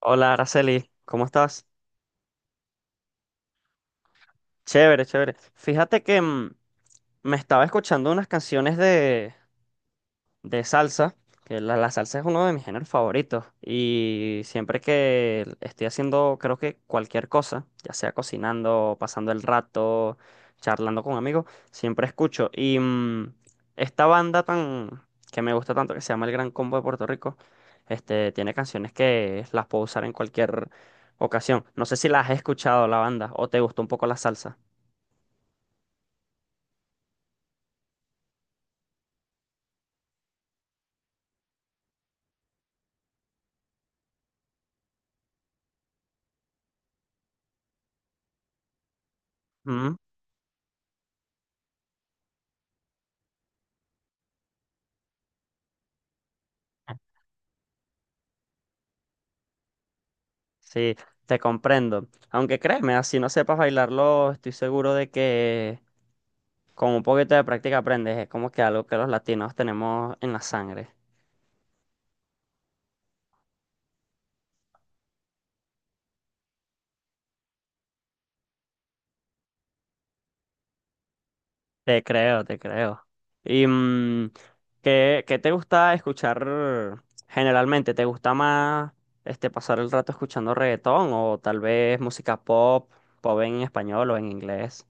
Hola, Araceli, ¿cómo estás? Chévere, chévere. Fíjate que me estaba escuchando unas canciones de salsa, que la salsa es uno de mis géneros favoritos y siempre que estoy haciendo, creo que cualquier cosa, ya sea cocinando, pasando el rato, charlando con amigos, siempre escucho. Y esta banda tan que me gusta tanto, que se llama El Gran Combo de Puerto Rico, este, tiene canciones que las puedo usar en cualquier ocasión. No sé si las has escuchado la banda o te gustó un poco la salsa. Ujú. Sí, te comprendo. Aunque créeme, así no sepas bailarlo, estoy seguro de que con un poquito de práctica aprendes. Es como que algo que los latinos tenemos en la sangre. Te creo, te creo. ¿Y ¿qué, qué te gusta escuchar generalmente? ¿Te gusta más este, pasar el rato escuchando reggaetón o tal vez música pop, pop en español o en inglés?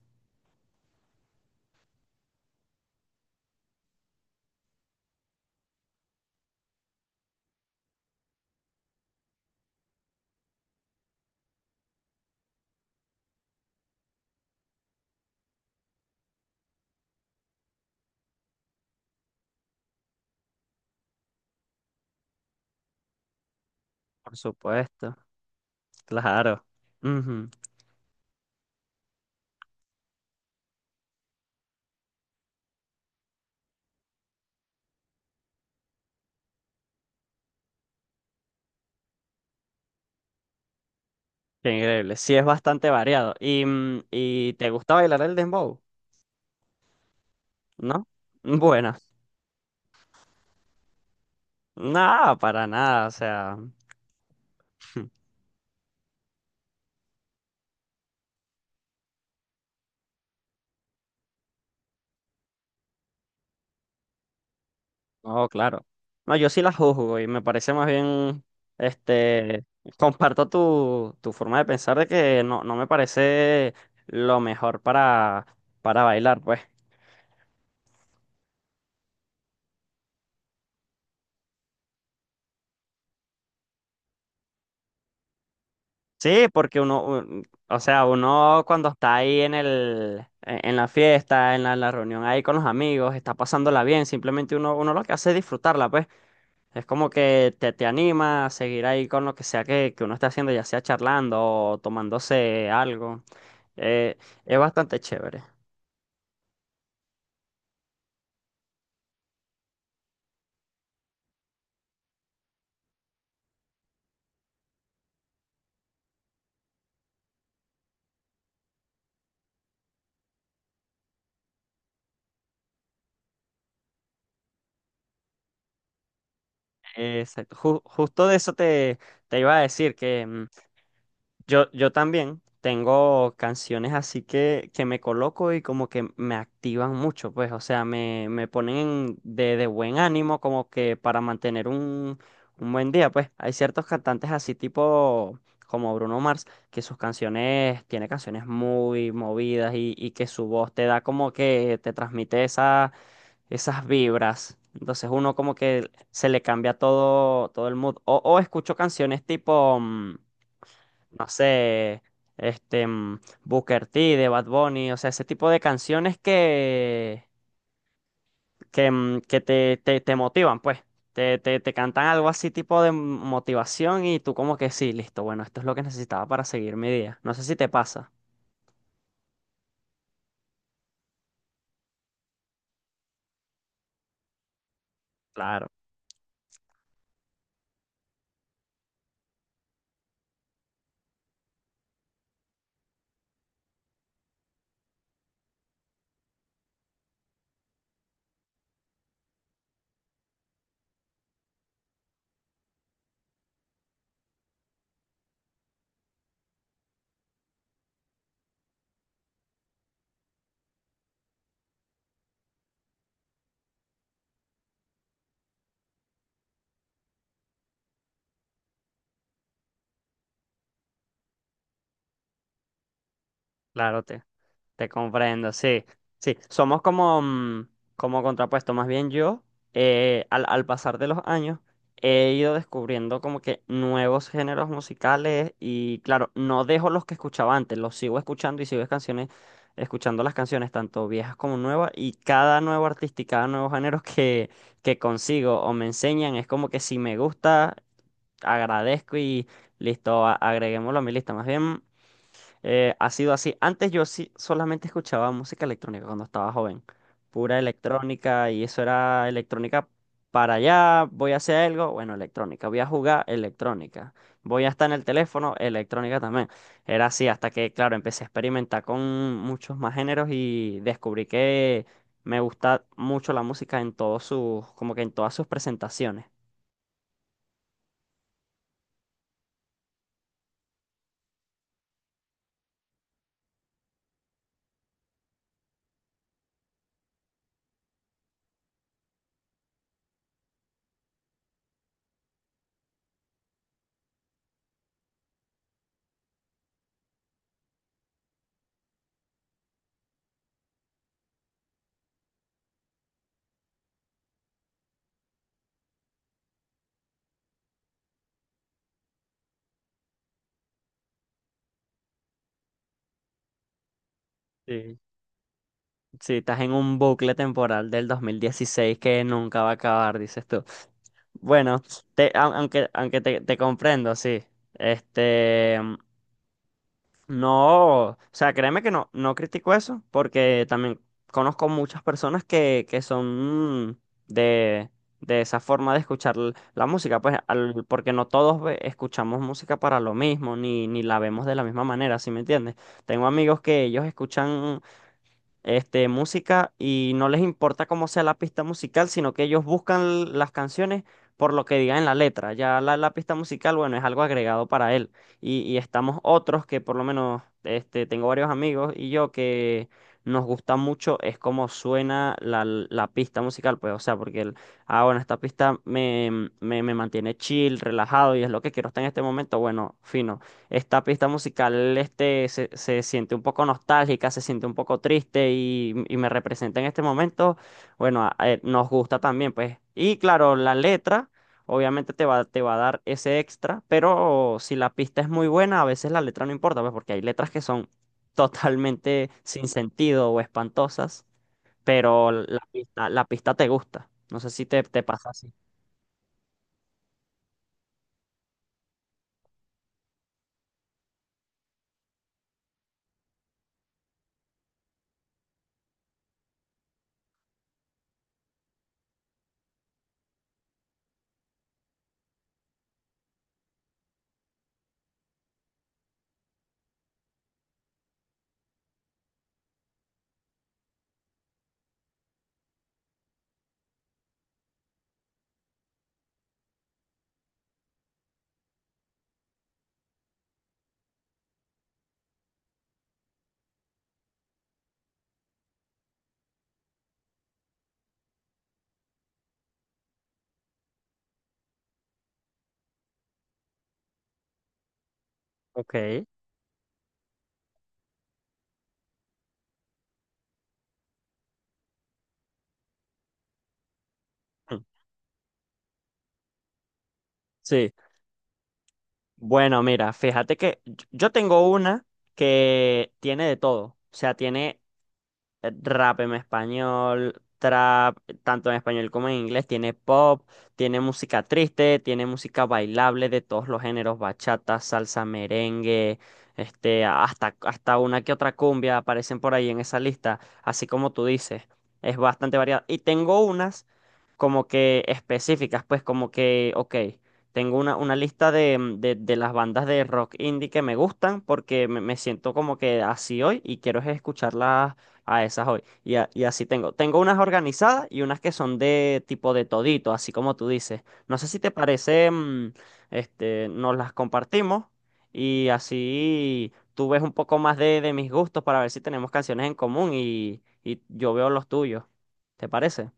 Por supuesto, claro. Ujú. Qué increíble. Sí, es bastante variado. ¿Y, y te gusta bailar el dembow? ¿No? Bueno, nada, para nada. O sea, no, claro. No, yo sí la juzgo y me parece más bien, este, comparto tu forma de pensar de que no, no me parece lo mejor para bailar, pues. Sí, porque uno, un- o sea, uno cuando está ahí en el, en la fiesta, en la reunión ahí con los amigos, está pasándola bien, simplemente uno, uno lo que hace es disfrutarla, pues. Es como que te anima a seguir ahí con lo que sea que uno esté haciendo, ya sea charlando o tomándose algo. Eh, es bastante chévere. Exacto. Ju- justo de eso te, te iba a decir que yo también tengo canciones así que me coloco y como que me activan mucho, pues, o sea, me ponen de buen ánimo como que para mantener un buen día, pues. Hay ciertos cantantes así tipo como Bruno Mars, que sus canciones, tiene canciones muy movidas y que su voz te da como que te transmite esa, esas vibras. Entonces uno como que se le cambia todo, todo el mood. O escucho canciones tipo... mm, no sé, este, Booker T, de Bad Bunny, o sea, ese tipo de canciones que, que te motivan, pues. Te cantan algo así tipo de motivación y tú como que sí, listo, bueno, esto es lo que necesitaba para seguir mi día. No sé si te pasa. Claro. Claro, te comprendo, sí, sí, somos como, como contrapuesto, más bien yo, al, al pasar de los años, he ido descubriendo como que nuevos géneros musicales y claro, no dejo los que escuchaba antes, los sigo escuchando y sigo canciones, escuchando las canciones, tanto viejas como nuevas, y cada nuevo artista y cada nuevo género que consigo o me enseñan, es como que si me gusta, agradezco y listo, a- agreguémoslo a mi lista, más bien. Ha sido así. Antes yo sí solamente escuchaba música electrónica cuando estaba joven. Pura electrónica y eso era electrónica para allá. Voy a hacer algo, bueno, electrónica. Voy a jugar electrónica. Voy a estar en el teléfono, electrónica también. Era así hasta que, claro, empecé a experimentar con muchos más géneros y descubrí que me gusta mucho la música en todos sus, como que en todas sus presentaciones. Sí. Sí, estás en un bucle temporal del 2016 que nunca va a acabar, dices tú. Bueno, te- au- aunque, aunque te comprendo, sí. Este, no, o sea, créeme que no, no critico eso, porque también conozco muchas personas que son de, de esa forma de escuchar l- la música, pues, al- porque no todos ve- escuchamos música para lo mismo, ni, ni la vemos de la misma manera, ¿sí me entiendes? Tengo amigos que ellos escuchan este, música y no les importa cómo sea la pista musical, sino que ellos buscan las canciones por lo que diga en la letra. Ya la pista musical, bueno, es algo agregado para él. Y estamos otros que por lo menos, este, tengo varios amigos y yo que nos gusta mucho es cómo suena la pista musical, pues, o sea, porque el, ah, bueno, esta pista me, me, me mantiene chill, relajado y es lo que quiero hasta en este momento, bueno, fino. Esta pista musical este, se siente un poco nostálgica, se siente un poco triste y me representa en este momento. Bueno, a- nos gusta también, pues. Y claro, la letra obviamente te va a dar ese extra, pero si la pista es muy buena, a veces la letra no importa, pues porque hay letras que son totalmente sin sentido o espantosas, pero la pista te gusta. No sé si te, te pasa así. Ok. Mm. Sí. Bueno, mira, fíjate que yo tengo una que tiene de todo. O sea, tiene rap en español, trap, tanto en español como en inglés, tiene pop, tiene música triste, tiene música bailable de todos los géneros, bachata, salsa, merengue, este, hasta, hasta una que otra cumbia aparecen por ahí en esa lista, así como tú dices, es bastante variada. Y tengo unas como que específicas, pues como que, ok. Tengo una lista de las bandas de rock indie que me gustan porque me siento como que así hoy y quiero es escucharlas. Ah, esas hoy. Y, a- y así tengo. Tengo unas organizadas y unas que son de tipo de todito, así como tú dices. No sé si te parece, este, nos las compartimos y así tú ves un poco más de mis gustos para ver si tenemos canciones en común y yo veo los tuyos. ¿Te parece?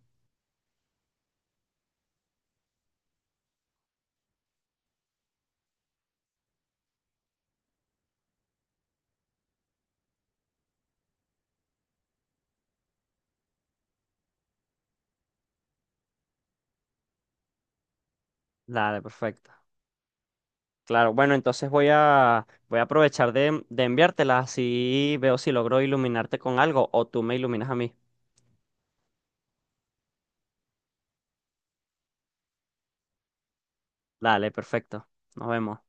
Dale, perfecto. Claro, bueno, entonces voy a, voy a aprovechar de enviártelas así veo si logro iluminarte con algo o tú me iluminas a mí. Dale, perfecto. Nos vemos.